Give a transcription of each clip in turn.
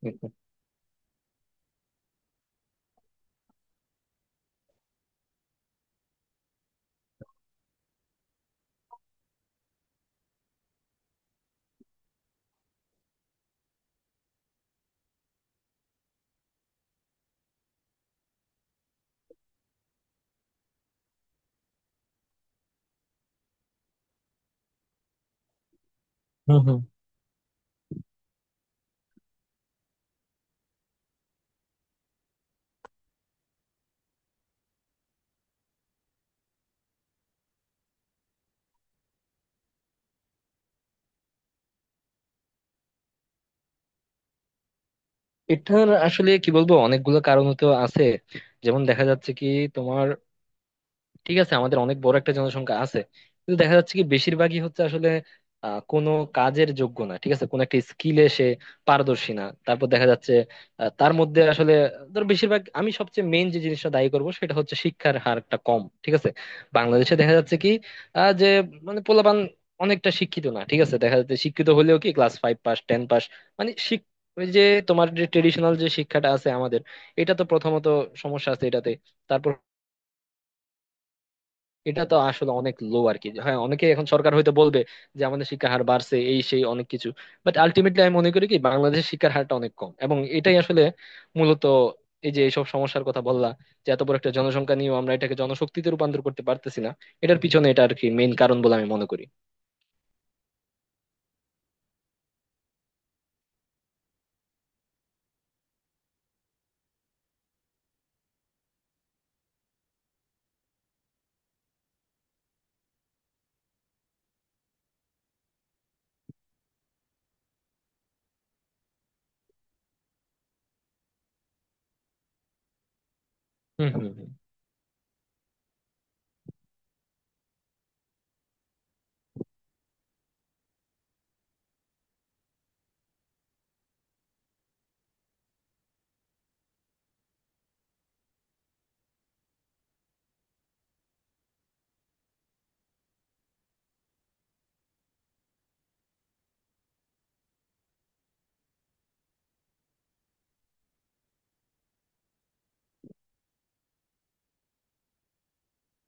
হম, হম। এটার আসলে কি বলবো? অনেকগুলো কারণ তো আছে। যেমন দেখা যাচ্ছে কি, তোমার, ঠিক আছে, আমাদের অনেক বড় একটা জনসংখ্যা আছে। কিন্তু দেখা যাচ্ছে কি বেশিরভাগই হচ্ছে আসলে কোনো কাজের যোগ্য না, ঠিক আছে। কোনো একটা স্কিলে সে পারদর্শী না। তারপর দেখা যাচ্ছে তার মধ্যে আসলে ধর বেশিরভাগ, আমি সবচেয়ে মেইন যে জিনিসটা দায়ী করব সেটা হচ্ছে শিক্ষার হারটা কম, ঠিক আছে। বাংলাদেশে দেখা যাচ্ছে কি, যে মানে পোলাপান অনেকটা শিক্ষিত না, ঠিক আছে। দেখা যাচ্ছে শিক্ষিত হলেও কি class five pass, ten pass. মানে শিক- ওই যে তোমার যে ট্রেডিশনাল যে শিক্ষাটা আছে আমাদের, এটা তো প্রথমত সমস্যা আছে এটাতে। তারপর এটা তো আসলে অনেক লো আর কি। হ্যাঁ, অনেকে এখন সরকার হয়তো বলবে যে আমাদের শিক্ষার হার বাড়ছে এই সেই অনেক কিছু। বাট আলটিমেটলি আমি মনে করি কি বাংলাদেশের শিক্ষার হারটা অনেক কম, এবং এটাই আসলে মূলত এই যে এইসব সমস্যার কথা বললা, যে এত বড় একটা জনসংখ্যা নিয়েও আমরা এটাকে জনশক্তিতে রূপান্তর করতে পারতেছি না, এটার পিছনে এটা আর কি মেইন কারণ বলে আমি মনে করি। হুম, হুম, হুম,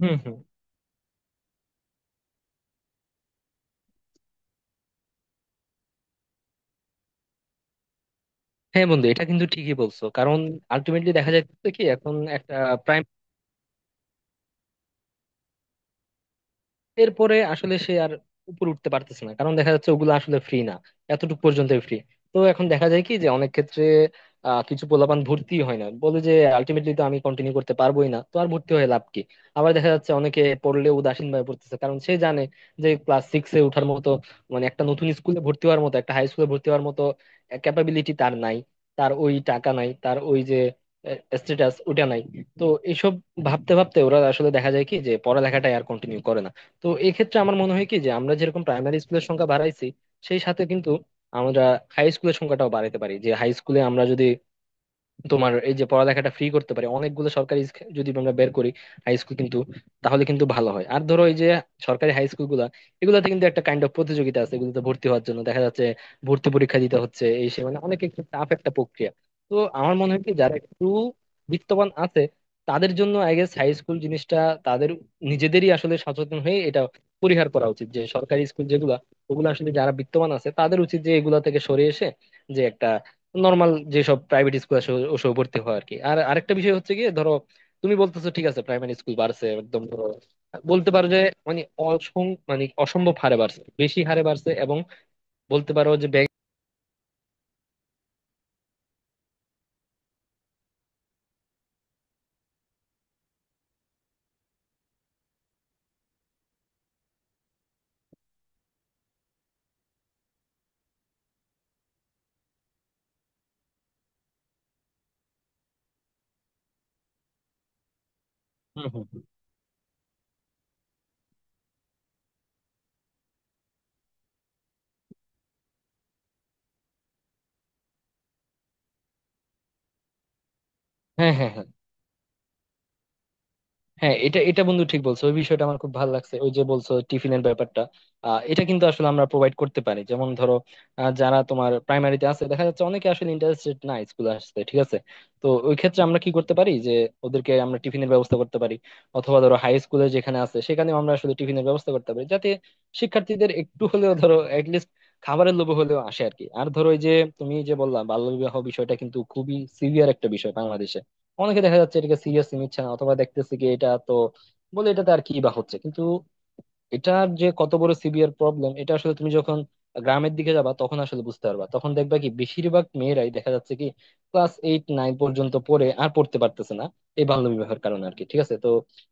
হুম, হুম। হ্যাঁ বন্ধু, এটা কিন্তু ঠিকই বলছো। কারণ আলটিমেটলি দেখা যাচ্ছে কি এখন এরপরে আসলে সে আর উপরে উঠতে পারতেছে না, কারণ দেখা যাচ্ছে ওগুলো আসলে ফ্রি না, এতটুকু পর্যন্ত ফ্রি। তো এখন দেখা যায় কি যে অনেক ক্ষেত্রে কিছু পোলাপান ভর্তি হয় না বলে যে আলটিমেটলি তো আমি কন্টিনিউ করতে পারবোই না, তো আর ভর্তি হয়ে লাভ কি। আবার দেখা যাচ্ছে অনেকে পড়লে উদাসীন ভাবে পড়তেছে, কারণ সে জানে যে ক্লাস সিক্স এ ওঠার মতো, মানে একটা নতুন স্কুলে ভর্তি হওয়ার মতো, একটা হাই স্কুলে ভর্তি হওয়ার মতো ক্যাপাবিলিটি তার নাই, তার ওই টাকা নাই, তার ওই যে স্ট্যাটাস ওটা নাই। তো এইসব ভাবতে ভাবতে ওরা আসলে দেখা যায় কি যে পড়ালেখাটাই আর কন্টিনিউ করে না। তো এক্ষেত্রে আমার মনে হয় কি যে আমরা যেরকম প্রাইমারি স্কুলের সংখ্যা বাড়াইছি, সেই সাথে কিন্তু আমরা হাই স্কুলের সংখ্যাটাও বাড়াইতে পারি। যে হাই স্কুলে আমরা যদি তোমার এই যে পড়ালেখাটা ফ্রি করতে পারি, অনেকগুলো সরকারি যদি আমরা বের করি, হাই স্কুল কিন্তু, তাহলে কিন্তু ভালো হয়। আর ধরো এই যে সরকারি হাই স্কুল গুলা, এগুলাতে কিন্তু একটা কাইন্ড অফ প্রতিযোগিতা আছে, এগুলোতে ভর্তি হওয়ার জন্য দেখা যাচ্ছে ভর্তি পরীক্ষা দিতে হচ্ছে এই সে, মানে অনেক একটু টাফ একটা প্রক্রিয়া। তো আমার মনে হয় কি যারা একটু বিত্তবান আছে, তাদের জন্য আই গেস হাই স্কুল জিনিসটা, তাদের নিজেদেরই আসলে সচেতন হয়ে এটা পরিহার করা উচিত, যে সরকারি স্কুল যেগুলা, ওগুলো আসলে যারা বিত্তবান আছে তাদের উচিত যে এগুলা থেকে সরে এসে যে একটা নর্মাল যেসব প্রাইভেট স্কুল আছে ওসব ভর্তি হওয়া আর কি। আর আরেকটা বিষয় হচ্ছে কি, ধরো তুমি বলতেছো, ঠিক আছে, প্রাইমারি স্কুল বাড়ছে, একদম ধরো বলতে পারো যে মানে অসং মানে অসম্ভব হারে বাড়ছে, বেশি হারে বাড়ছে, এবং বলতে পারো যে ব্যাংক। হুম, হুম, হুম। হ্যাঁ, হ্যাঁ, হ্যাঁ, হ্যাঁ, এটা এটা বন্ধু ঠিক বলছো। ওই বিষয়টা আমার খুব ভালো লাগছে, ওই যে বলছো টিফিনের ব্যাপারটা। এটা কিন্তু আসলে আমরা প্রোভাইড করতে পারি, যেমন ধরো যারা তোমার প্রাইমারিতে আছে দেখা যাচ্ছে অনেকে আসলে ইন্টারেস্টেড না স্কুলে আসতে, ঠিক আছে। তো ওই ক্ষেত্রে আমরা কি করতে পারি যে ওদেরকে আমরা টিফিনের ব্যবস্থা করতে পারি। অথবা ধরো হাই স্কুলে যেখানে আছে সেখানে আমরা আসলে টিফিনের ব্যবস্থা করতে পারি, যাতে শিক্ষার্থীদের একটু হলেও ধরো লিস্ট, খাবারের লোভে হলেও আসে আর কি। আর ধরো ওই যে তুমি যে বললা বাল্য বিবাহ, বিষয়টা কিন্তু খুবই সিভিয়ার একটা বিষয় বাংলাদেশে। অনেকে দেখা যাচ্ছে এটাকে সিরিয়াসলি নিচ্ছে না, অথবা দেখতেছে কি এটা তো বলে এটাতে আর কি বা হচ্ছে কিন্তু, এটার যে কত বড় সিভিয়ার প্রবলেম এটা আসলে তুমি যখন গ্রামের দিকে যাবা তখন আসলে বুঝতে পারবা। তখন দেখবা কি বেশিরভাগ মেয়েরাই দেখা যাচ্ছে কি ক্লাস এইট নাইন পর্যন্ত পড়ে আর পড়তে পারতেছে না, এই বাল্য বিবাহের কারণে আর কি, ঠিক আছে। তো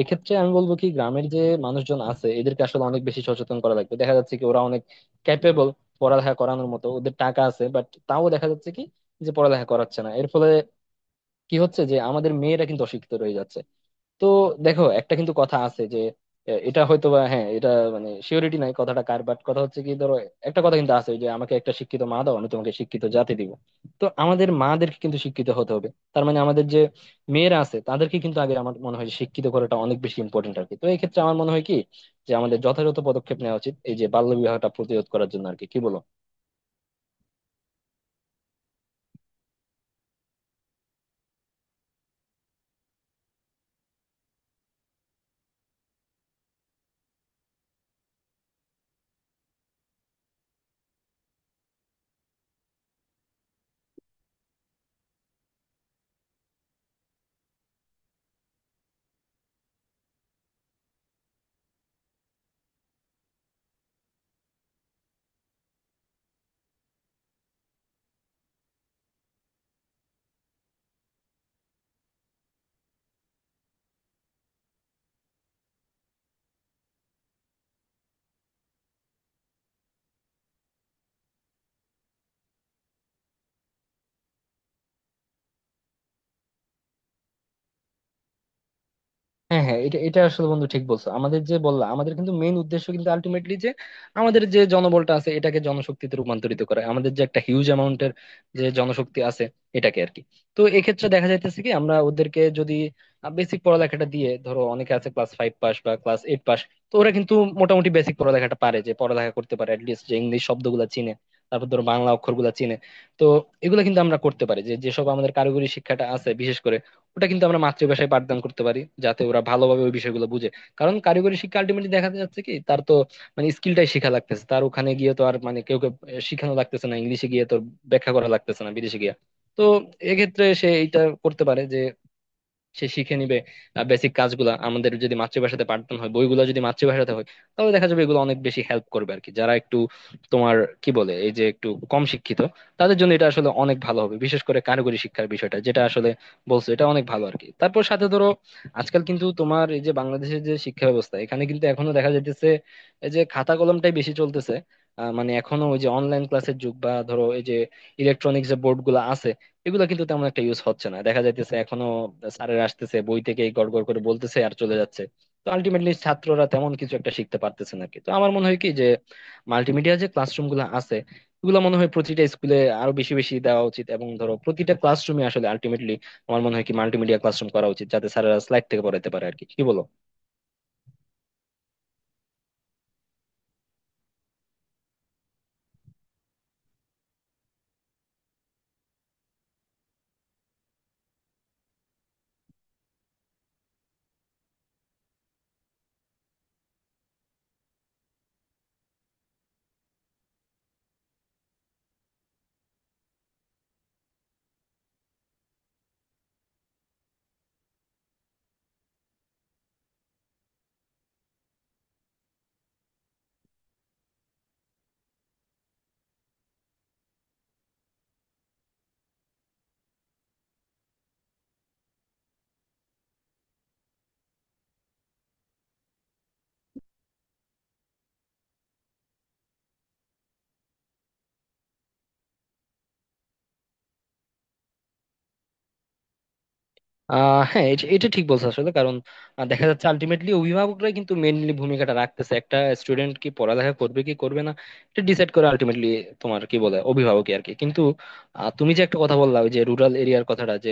এক্ষেত্রে আমি বলবো কি গ্রামের যে মানুষজন আছে এদেরকে আসলে অনেক বেশি সচেতন করা লাগবে। দেখা যাচ্ছে কি ওরা অনেক ক্যাপেবল, পড়ালেখা করানোর মতো ওদের টাকা আছে, বাট তাও দেখা যাচ্ছে কি যে পড়ালেখা করাচ্ছে না। এর ফলে কি হচ্ছে যে আমাদের মেয়েরা কিন্তু অশিক্ষিত রয়ে যাচ্ছে। তো দেখো একটা কিন্তু কথা আছে যে এটা হয়তো বা, হ্যাঁ, এটা মানে শিওরিটি নাই কথাটা কার, বাট কথা হচ্ছে কি ধরো, একটা কথা কিন্তু আছে যে আমাকে একটা শিক্ষিত মা দাও, আমি তোমাকে শিক্ষিত জাতি দিব। তো আমাদের মাদেরকে কিন্তু শিক্ষিত হতে হবে, তার মানে আমাদের যে মেয়েরা আছে তাদেরকে কিন্তু আগে আমার মনে হয় শিক্ষিত করাটা অনেক বেশি ইম্পর্টেন্ট আর কি। তো এই ক্ষেত্রে আমার মনে হয় কি যে আমাদের যথাযথ পদক্ষেপ নেওয়া উচিত এই যে বাল্য বিবাহটা প্রতিরোধ করার জন্য আর কি, কি বলো? হ্যাঁ, হ্যাঁ, এটা এটা আসলে বন্ধু ঠিক বলছো। আমাদের যে বললা আমাদের কিন্তু মেইন উদ্দেশ্য কিন্তু আলটিমেটলি, যে আমাদের যে জনবলটা আছে এটাকে জনশক্তিতে রূপান্তরিত করা, আমাদের যে একটা হিউজ অ্যামাউন্টের যে জনশক্তি আছে এটাকে আর কি। তো এক্ষেত্রে দেখা যাইতেছে কি আমরা ওদেরকে যদি বেসিক পড়ালেখাটা দিয়ে ধরো অনেকে আছে ক্লাস ফাইভ পাস বা ক্লাস এইট পাস, তো ওরা কিন্তু মোটামুটি বেসিক পড়ালেখাটা পারে, যে পড়ালেখা করতে পারে, অ্যাটলিস্ট যে ইংলিশ শব্দগুলো চিনে, তারপর ধরো বাংলা অক্ষরগুলো চিনে। তো এগুলো কিন্তু আমরা করতে পারি যে যেসব আমাদের কারিগরি শিক্ষাটা আছে বিশেষ করে, ওটা কিন্তু আমরা মাতৃভাষায় পাঠদান করতে পারি, যাতে ওরা ভালোভাবে ওই বিষয়গুলো বুঝে। কারণ কারিগরি শিক্ষা আলটিমেটলি দেখা যাচ্ছে কি, তার তো মানে স্কিলটাই শিখা লাগতেছে, তার ওখানে গিয়ে তো আর মানে কেউ কেউ শিখানো লাগতেছে না, ইংলিশে গিয়ে তোর ব্যাখ্যা করা লাগতেছে না বিদেশে গিয়ে। তো এক্ষেত্রে সে এটা করতে পারে যে সে শিখে নিবে বেসিক কাজগুলা। আমাদের যদি মাতৃভাষাতে পাঠদান হয়, বইগুলা যদি মাতৃভাষাতে হয়, তাহলে দেখা যাবে এগুলো অনেক বেশি হেল্প করবে আর কি, যারা একটু তোমার কি বলে এই যে একটু কম শিক্ষিত, তাদের জন্য এটা আসলে অনেক ভালো হবে। বিশেষ করে কারিগরি শিক্ষার বিষয়টা যেটা আসলে বলছো, এটা অনেক ভালো আর কি। তারপর সাথে ধরো আজকাল কিন্তু তোমার এই যে বাংলাদেশের যে শিক্ষা ব্যবস্থা এখানে কিন্তু এখনো দেখা যাইতেছে এই যে খাতা কলমটাই বেশি চলতেছে। মানে এখনো ওই যে অনলাইন ক্লাসের যুগ বা ধরো এই যে ইলেকট্রনিক্স যে বোর্ড গুলো আছে, এগুলা কিন্তু তেমন একটা ইউজ হচ্ছে না, দেখা যাইতেছে এখনো। স্যারেরা আসতেছে, বই থেকে গড় গড় করে বলতেছে, আর চলে যাচ্ছে। তো আলটিমেটলি ছাত্ররা তেমন কিছু একটা শিখতে পারতেছে না কি। তো আমার মনে হয় কি যে মাল্টিমিডিয়া যে ক্লাসরুম গুলো আছে এগুলো মনে হয় প্রতিটা স্কুলে আরো বেশি বেশি দেওয়া উচিত, এবং ধরো প্রতিটা ক্লাসরুমে আসলে আলটিমেটলি আমার মনে হয় কি মাল্টিমিডিয়া ক্লাসরুম করা উচিত, যাতে স্যারেরা স্লাইড থেকে পড়াইতে পারে আর কি, কি বলো? হ্যাঁ, এটা এটা ঠিক বলছো আসলে। কারণ দেখা যাচ্ছে আলটিমেটলি অভিভাবকরাই কিন্তু মেইনলি ভূমিকাটা রাখতেছে, একটা স্টুডেন্ট কি পড়ালেখা করবে কি করবে না এটা ডিসাইড করে আলটিমেটলি তোমার কি বলে অভিভাবকই আর কি কিন্তু। তুমি যে একটা কথা বললা ওই যে রুরাল এরিয়ার কথাটা, যে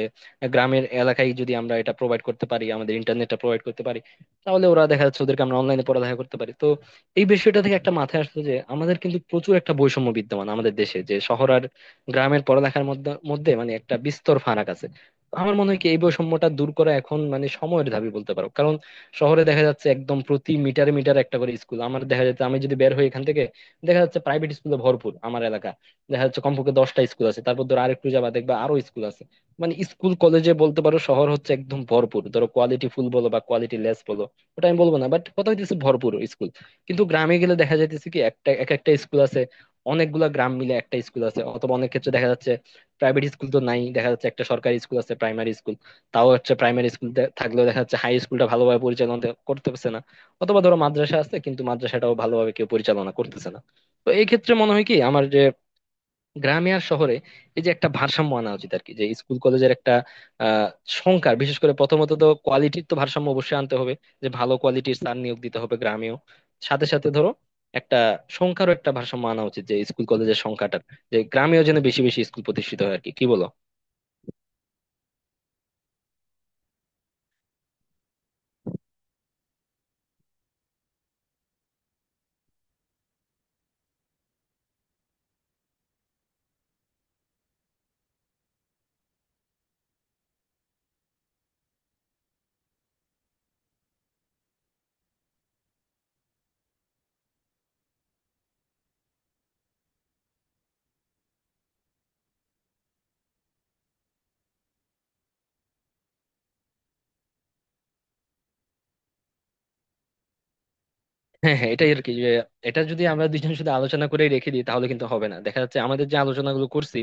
গ্রামের এলাকায় যদি আমরা এটা প্রোভাইড করতে পারি, আমাদের ইন্টারনেটটা প্রোভাইড করতে পারি, তাহলে ওরা দেখা যাচ্ছে ওদেরকে আমরা অনলাইনে পড়ালেখা করতে পারি। তো এই বিষয়টা থেকে একটা মাথায় আসলো যে আমাদের কিন্তু প্রচুর একটা বৈষম্য বিদ্যমান আমাদের দেশে, যে শহর আর গ্রামের পড়ালেখার মধ্যে মধ্যে মানে একটা বিস্তর ফারাক আছে। আমার মনে হয় কি এই বৈষম্যটা দূর করা এখন মানে সময়ের দাবি বলতে পারো। কারণ শহরে দেখা যাচ্ছে একদম প্রতি মিটারে মিটারে একটা করে স্কুল আমার, দেখা যাচ্ছে আমি যদি বের হই এখান থেকে দেখা যাচ্ছে প্রাইভেট স্কুলে ভরপুর আমার এলাকা, দেখা যাচ্ছে কমপক্ষে 10টা স্কুল আছে, তারপর ধর আরেকটু যাবা দেখবা আরো স্কুল আছে। মানে স্কুল কলেজে বলতে পারো শহর হচ্ছে একদম ভরপুর, ধরো কোয়ালিটি ফুল বলো বা কোয়ালিটি লেস বলো, ওটা আমি বলবো না, বাট কথা হইতেছে ভরপুর স্কুল। কিন্তু গ্রামে গেলে দেখা যাইতেছে কি একটা এক একটা স্কুল আছে, অনেকগুলা গ্রাম মিলে একটা স্কুল আছে। অথবা অনেক ক্ষেত্রে দেখা যাচ্ছে প্রাইভেট স্কুল তো নাই, দেখা যাচ্ছে একটা সরকারি স্কুল আছে, প্রাইমারি স্কুল। তাও হচ্ছে প্রাইমারি স্কুল থাকলেও দেখা যাচ্ছে হাই স্কুলটা ভালোভাবে পরিচালনা করতে পারছে না। অথবা ধরো মাদ্রাসা আছে, কিন্তু মাদ্রাসাটাও ভালোভাবে কেউ পরিচালনা করতেছে না। তো এই ক্ষেত্রে মনে হয় কি আমার, যে গ্রামে আর শহরে এই যে একটা ভারসাম্য আনা উচিত আর কি, যে স্কুল কলেজের একটা আহ সংখ্যার বিশেষ করে, প্রথমত তো কোয়ালিটির তো ভারসাম্য অবশ্যই আনতে হবে, যে ভালো কোয়ালিটির স্যার নিয়োগ দিতে হবে গ্রামেও। সাথে সাথে ধরো একটা সংখ্যারও একটা ভারসাম্য আনা উচিত, যে স্কুল কলেজের সংখ্যাটার, যে গ্রামেও যেন বেশি বেশি স্কুল প্রতিষ্ঠিত হয় আর কি, কি বলো? হ্যাঁ, হ্যাঁ, এটাই আর কি। যে এটা যদি আমরা দুইজন শুধু আলোচনা করে রেখে দিই তাহলে কিন্তু হবে না। দেখা যাচ্ছে আমাদের যে আলোচনাগুলো করছি,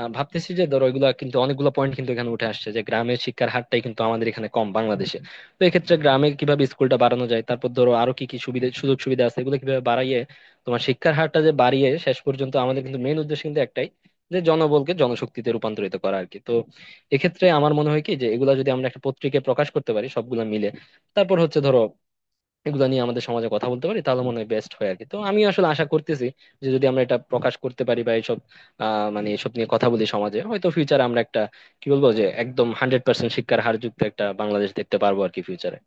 ভাবতেছি যে ধরো এগুলো কিন্তু অনেকগুলো পয়েন্ট কিন্তু এখানে উঠে আসছে, যে গ্রামের শিক্ষার হারটাই কিন্তু আমাদের এখানে কম বাংলাদেশে। তো এক্ষেত্রে গ্রামে কিভাবে স্কুলটা বাড়ানো যায়, তারপর ধরো আরো কি কি সুবিধা সুযোগ সুবিধা আছে এগুলো কিভাবে বাড়াইয়ে তোমার শিক্ষার হারটা যে বাড়িয়ে, শেষ পর্যন্ত আমাদের কিন্তু মেইন উদ্দেশ্য কিন্তু একটাই, যে জনবলকে জনশক্তিতে রূপান্তরিত করা আর কি। তো এক্ষেত্রে আমার মনে হয় কি যে এগুলা যদি আমরা একটা পত্রিকায় প্রকাশ করতে পারি সবগুলা মিলে, তারপর হচ্ছে ধরো এগুলো নিয়ে আমাদের সমাজে কথা বলতে পারি, তাহলে মনে হয় বেস্ট হয় আর কি। তো আমি আসলে আশা করতেছি যে যদি আমরা এটা প্রকাশ করতে পারি বা এইসব আহ মানে এসব নিয়ে কথা বলি সমাজে, হয়তো ফিউচারে আমরা একটা কি বলবো, যে একদম 100% শিক্ষার হার যুক্ত একটা বাংলাদেশ দেখতে পারবো আর কি ফিউচারে।